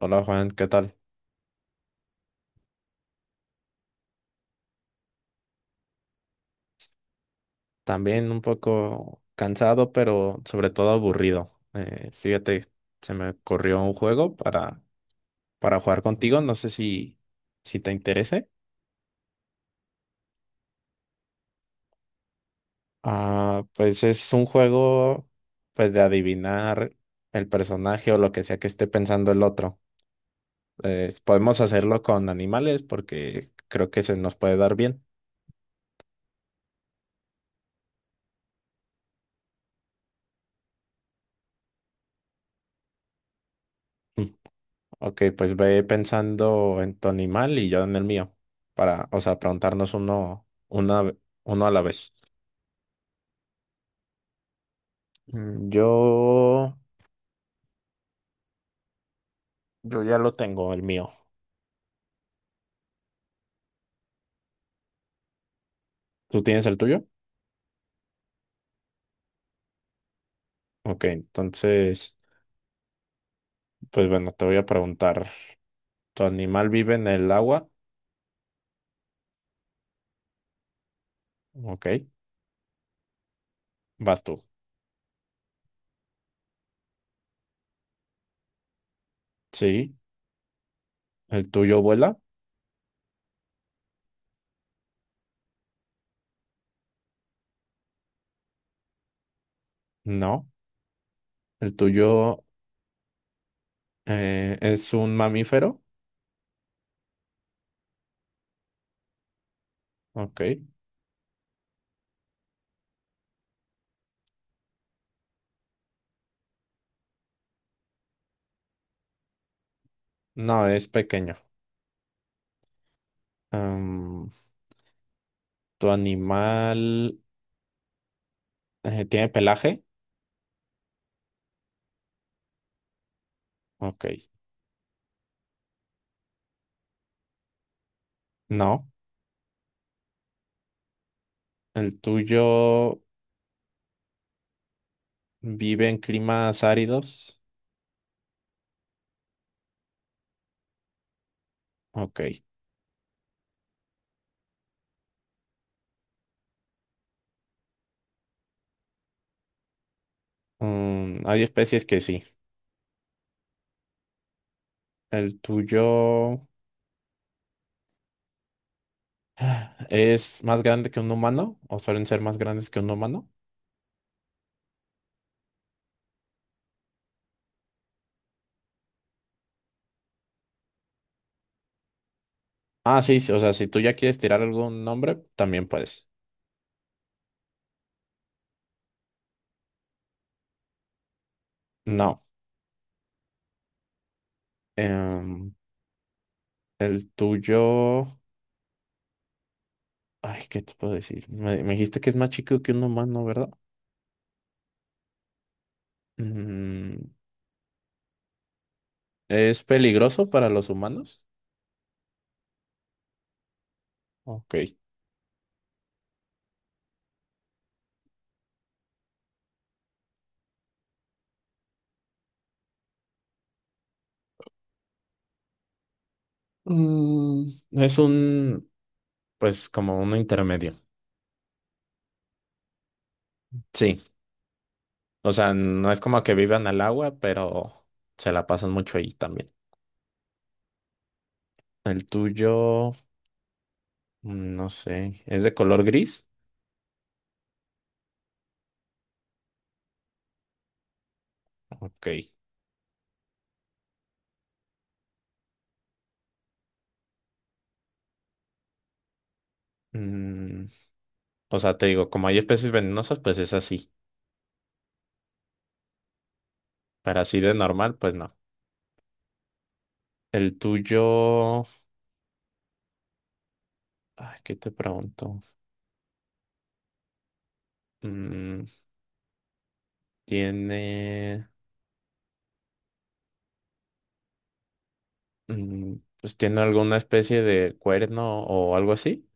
Hola Juan, ¿qué tal? También un poco cansado, pero sobre todo aburrido. Fíjate, se me ocurrió un juego para jugar contigo, no sé si te interese. Ah, pues es un juego pues de adivinar el personaje o lo que sea que esté pensando el otro. Podemos hacerlo con animales porque creo que se nos puede dar bien. Ok, pues ve pensando en tu animal y yo en el mío, para, o sea, preguntarnos uno, una, uno a la vez. Mm, Yo, yo ya lo tengo, el mío. ¿Tú tienes el tuyo? Ok, entonces, pues bueno, te voy a preguntar, ¿tu animal vive en el agua? Ok, vas tú. Sí, ¿el tuyo vuela? No. ¿El tuyo es un mamífero? Ok, no, es pequeño. Am, ¿Tu animal... ¿tiene pelaje? Ok. No. ¿El tuyo vive en climas áridos? Ok. Mm, hay especies que sí. ¿El tuyo es más grande que un humano? ¿O suelen ser más grandes que un humano? Ah, sí, sí, o sea, si tú ya quieres tirar algún nombre, también puedes. No. Em, el tuyo... Ay, ¿qué te puedo decir? Me dijiste que es más chico que un humano, ¿verdad? Mm, ¿es peligroso para los humanos? Ok. Es pues como un intermedio. Sí, o sea, no es como que vivan al agua, pero se la pasan mucho ahí también. El tuyo, mm, no sé, ¿es de color gris? Ok. Mm, o sea, te digo, como hay especies venenosas, pues es así. Para así de normal, pues no. El tuyo, ay, ¿qué te pregunto? Mm, tiene, mm, pues tiene alguna especie de cuerno o algo así.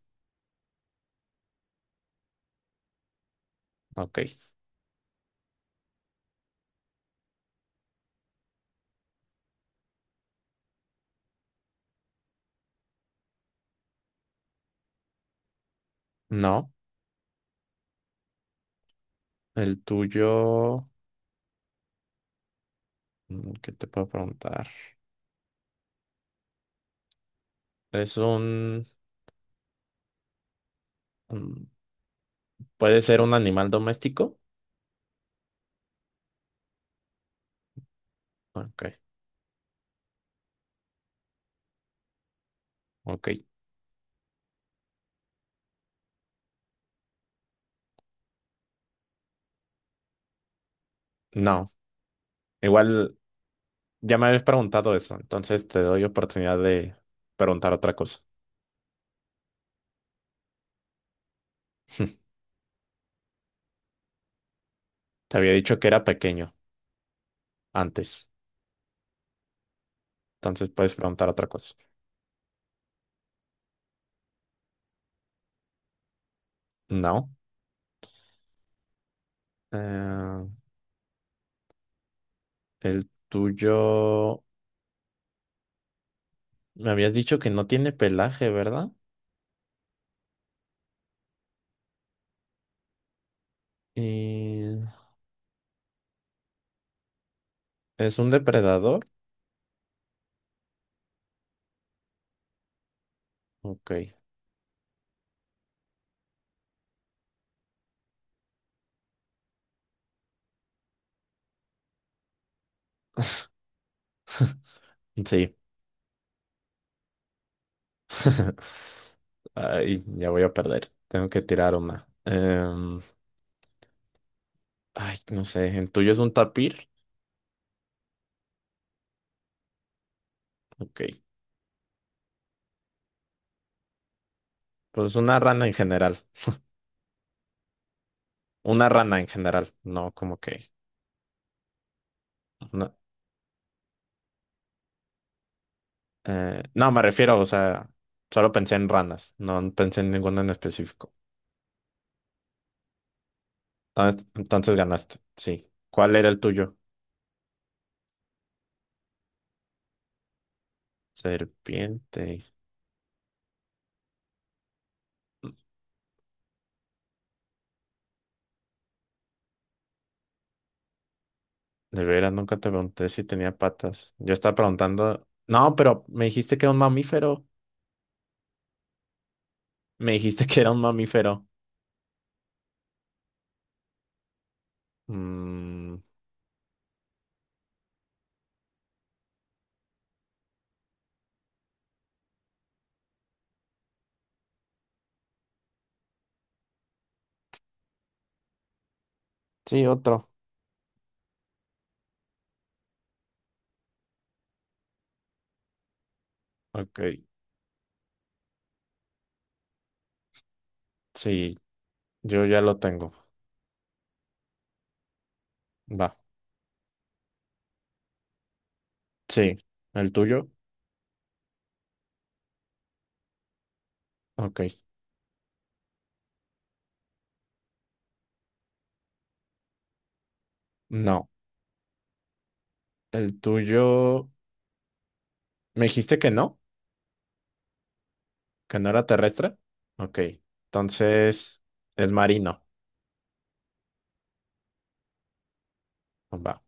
Ok. No. El tuyo, mm, ¿qué te puedo preguntar? Es un- ¿puede ser un animal doméstico? Ok, ok. No, igual ya me habías preguntado eso, entonces te doy oportunidad de preguntar otra cosa. Te había dicho que era pequeño antes, entonces puedes preguntar otra cosa. No. Eh, el tuyo, me habías dicho que no tiene pelaje, ¿verdad? Y es un depredador. Ok. Sí. Ay, ya voy a perder. Tengo que tirar una. Ay, no sé. ¿El tuyo es un tapir? Ok. Pues una rana en general. Una rana en general. No, como que. una- no, me refiero, o sea, solo pensé en ranas. No pensé en ninguna en específico. Entonces ganaste. Sí. ¿Cuál era el tuyo? Serpiente. De veras, nunca te pregunté si tenía patas. Yo estaba preguntando. No, pero me dijiste que era un mamífero. Me dijiste que era un mamífero. Mm, Sí, otro. Ok, sí, yo ya lo tengo. Va, sí. ¿El tuyo? Ok. No. ¿El tuyo? ¿Me dijiste que no? ¿Que no era terrestre? Ok. Entonces, es marino. Va.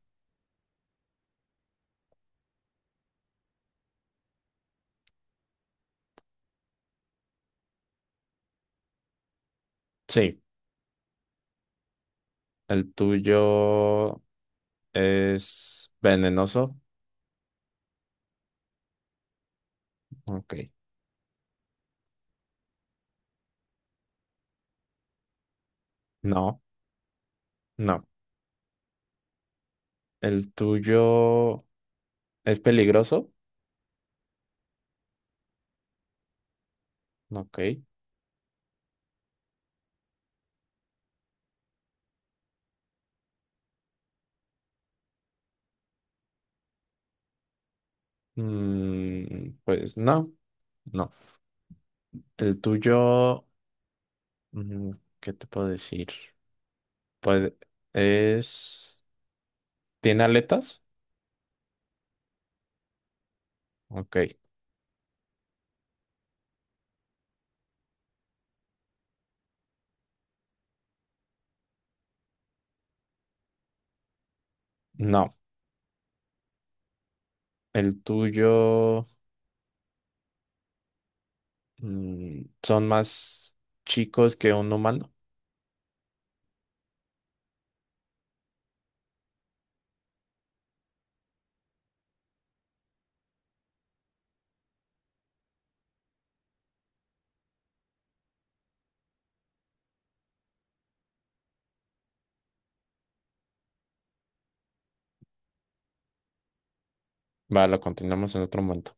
Sí. ¿El tuyo es venenoso? Ok. No, no. ¿El tuyo es peligroso? Ok. Mm, pues no, no. El tuyo, mm, ¿qué te puedo decir? Pues es... ¿Tiene aletas? Ok. No. El tuyo, mm, son más chicos que un humano. Va, lo continuamos en otro momento.